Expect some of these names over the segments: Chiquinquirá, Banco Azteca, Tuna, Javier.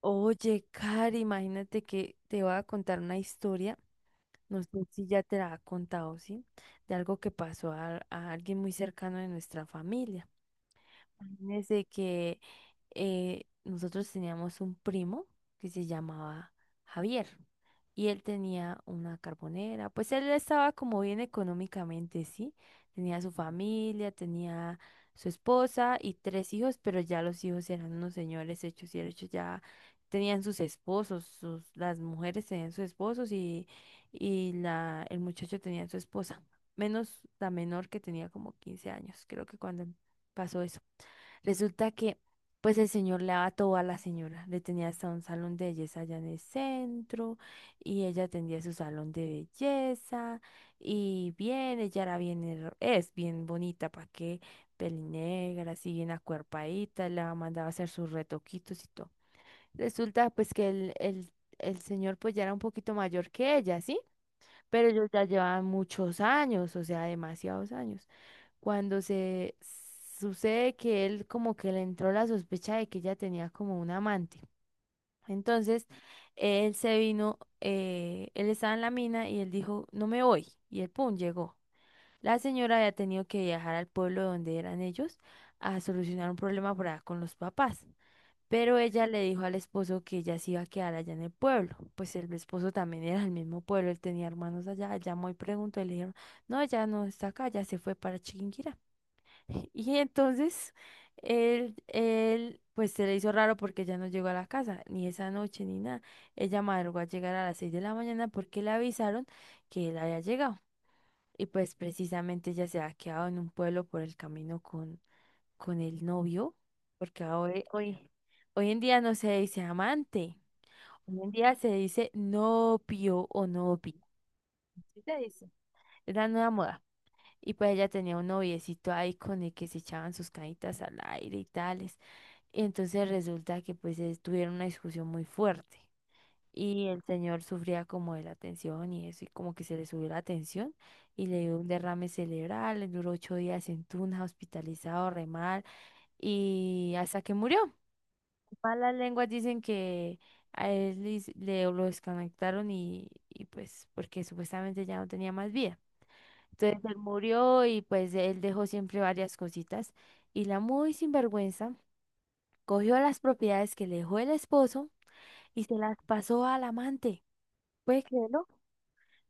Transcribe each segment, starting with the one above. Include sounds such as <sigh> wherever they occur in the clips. Oye, Cari, imagínate que te voy a contar una historia, no sé si ya te la ha contado, ¿sí? De algo que pasó a alguien muy cercano de nuestra familia. Desde que nosotros teníamos un primo que se llamaba Javier y él tenía una carbonera, pues él estaba como bien económicamente, ¿sí? Tenía su familia, tenía su esposa y tres hijos, pero ya los hijos eran unos señores hechos y derechos, ya tenían sus esposos, sus, las mujeres tenían sus esposos y la, el muchacho tenía su esposa, menos la menor que tenía como 15 años, creo que cuando pasó eso. Resulta que, pues el señor le daba todo a la señora. Le tenía hasta un salón de belleza allá en el centro y ella tenía su salón de belleza y bien, ella era bien, es bien bonita, ¿para qué? Pelinegra, así bien acuerpadita, la mandaba a hacer sus retoquitos y todo. Resulta pues que el señor pues ya era un poquito mayor que ella, ¿sí?, pero ellos ya llevaban muchos años, o sea, demasiados años. Cuando se sucede que él como que le entró la sospecha de que ella tenía como un amante. Entonces, él se vino, él estaba en la mina y él dijo, no me voy. Y él, pum, llegó. La señora había tenido que viajar al pueblo donde eran ellos a solucionar un problema por allá con los papás. Pero ella le dijo al esposo que ella se iba a quedar allá en el pueblo. Pues el esposo también era del mismo pueblo, él tenía hermanos allá. Llamó y preguntó y le dijeron, no, ella no está acá, ya se fue para Chiquinquirá. <laughs> Y entonces él, pues se le hizo raro porque ella no llegó a la casa, ni esa noche ni nada. Ella madrugó a llegar a las 6 de la mañana porque le avisaron que él había llegado. Y pues precisamente ella se había quedado en un pueblo por el camino con el novio, porque hoy en día no se dice amante, hoy en día se dice novio o novia. ¿Sí se dice? Es la nueva moda. Y pues ella tenía un noviecito ahí con el que se echaban sus canitas al aire y tales. Y entonces resulta que pues tuvieron una discusión muy fuerte. Y el señor sufría como de la tensión y eso, y como que se le subió la tensión y le dio un derrame cerebral, le duró 8 días en Tuna, hospitalizado, re mal, y hasta que murió. Malas lenguas dicen que a él lo desconectaron y pues porque supuestamente ya no tenía más vida. Entonces él murió y pues él dejó siempre varias cositas. Y la muy sinvergüenza cogió las propiedades que le dejó el esposo y se las pasó al amante. ¿Puede creerlo?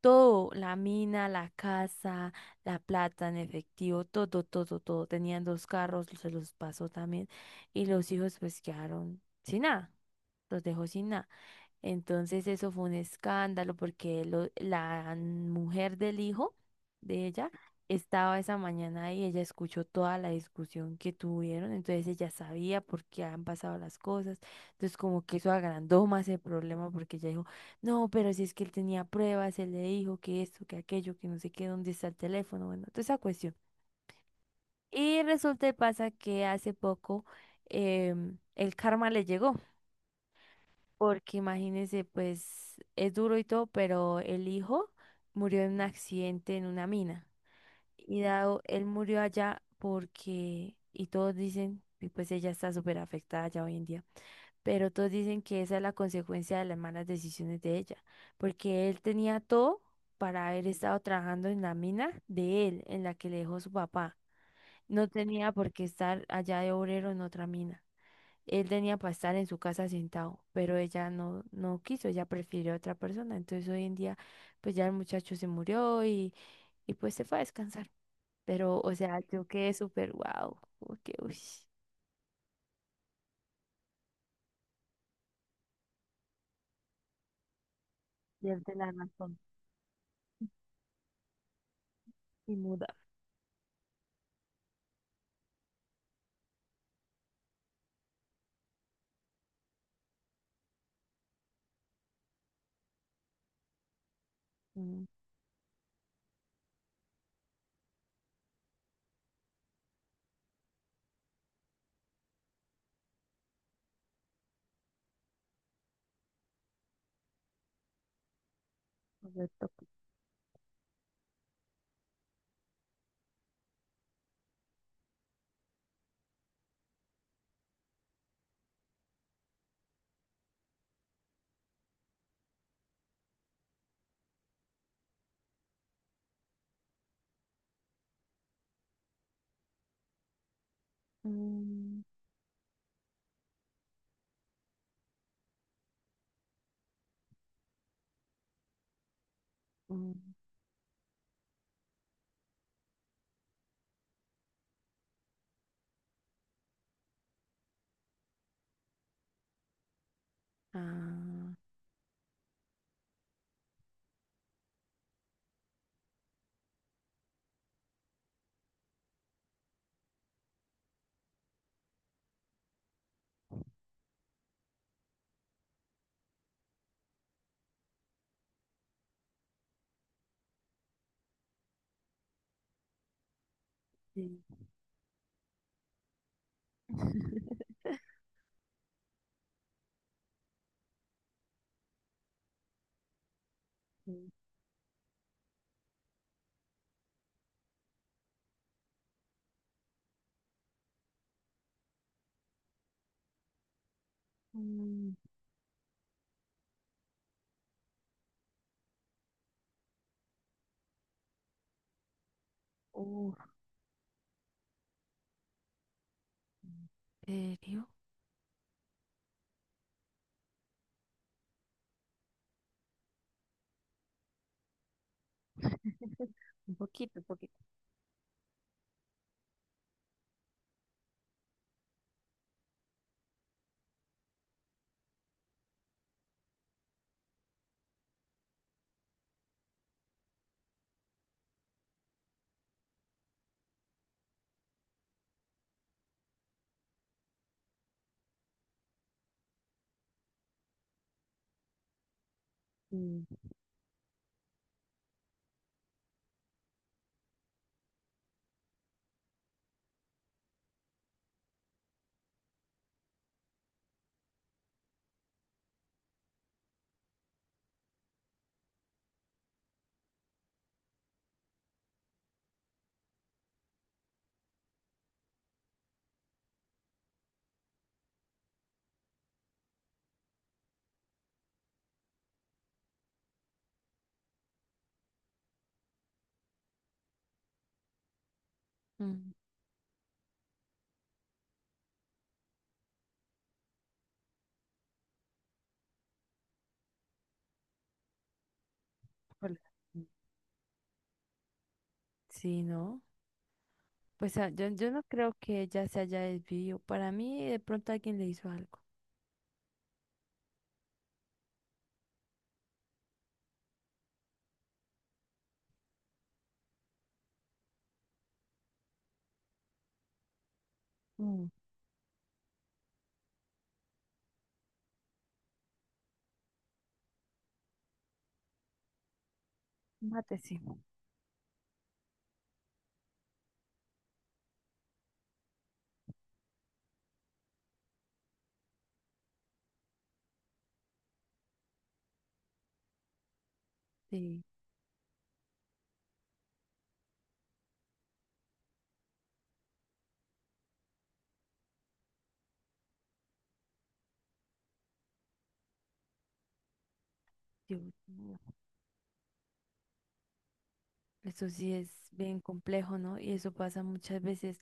Todo, la mina, la casa, la plata en efectivo, todo, todo, todo. Tenían dos carros, se los pasó también. Y los hijos pues quedaron sin nada, los dejó sin nada. Entonces eso fue un escándalo porque la mujer del hijo de ella estaba esa mañana ahí, ella escuchó toda la discusión que tuvieron, entonces ella sabía por qué han pasado las cosas, entonces como que eso agrandó más el problema porque ella dijo, no, pero si es que él tenía pruebas, él le dijo que esto, que aquello, que no sé qué, dónde está el teléfono, bueno, toda esa cuestión. Y resulta y pasa que hace poco el karma le llegó porque imagínese, pues es duro y todo, pero el hijo murió en un accidente en una mina. Y dado, él murió allá porque, y todos dicen, y pues ella está súper afectada ya hoy en día, pero todos dicen que esa es la consecuencia de las malas decisiones de ella, porque él tenía todo para haber estado trabajando en la mina de él, en la que le dejó su papá. No tenía por qué estar allá de obrero en otra mina. Él tenía para estar en su casa sentado, pero ella no, no quiso, ella prefirió a otra persona. Entonces hoy en día, pues ya el muchacho se murió y pues se fue a descansar. Pero, o sea, yo quedé súper wow, como que, uy, pierde la razón y muda. Mm, correcto. Mm, mm, ah, sí. <laughs> Sí. Mm, uf, ¿en serio? Un poquito, un poquito. Mm, mm, hola. Mm, sí, ¿no? Pues ah, yo no creo que ella se haya desviado. Para mí, de pronto alguien le hizo algo. Mm, mate, sí. Sí, yo- yo- eso sí es bien complejo, ¿no? Y eso pasa muchas veces.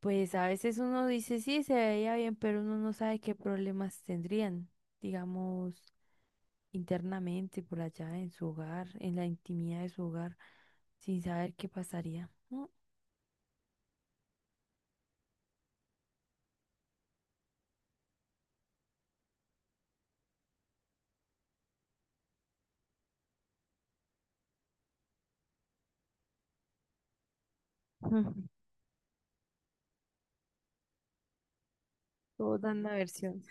Pues a veces uno dice, sí, se veía bien, pero uno no sabe qué problemas tendrían, digamos, internamente, por allá, en su hogar, en la intimidad de su hogar, sin saber qué pasaría, ¿no? <laughs> Ujú. Todos dan la versión.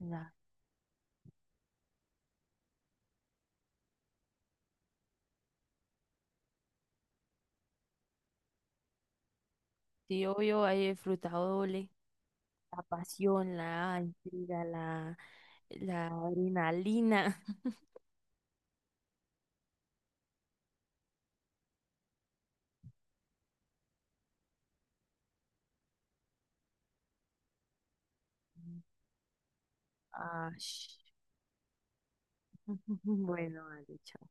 Ya. Sí, obvio, hay el frutado doble. La pasión, la intriga, la adrenalina. <laughs> Ash. <laughs> Bueno, vale, chao.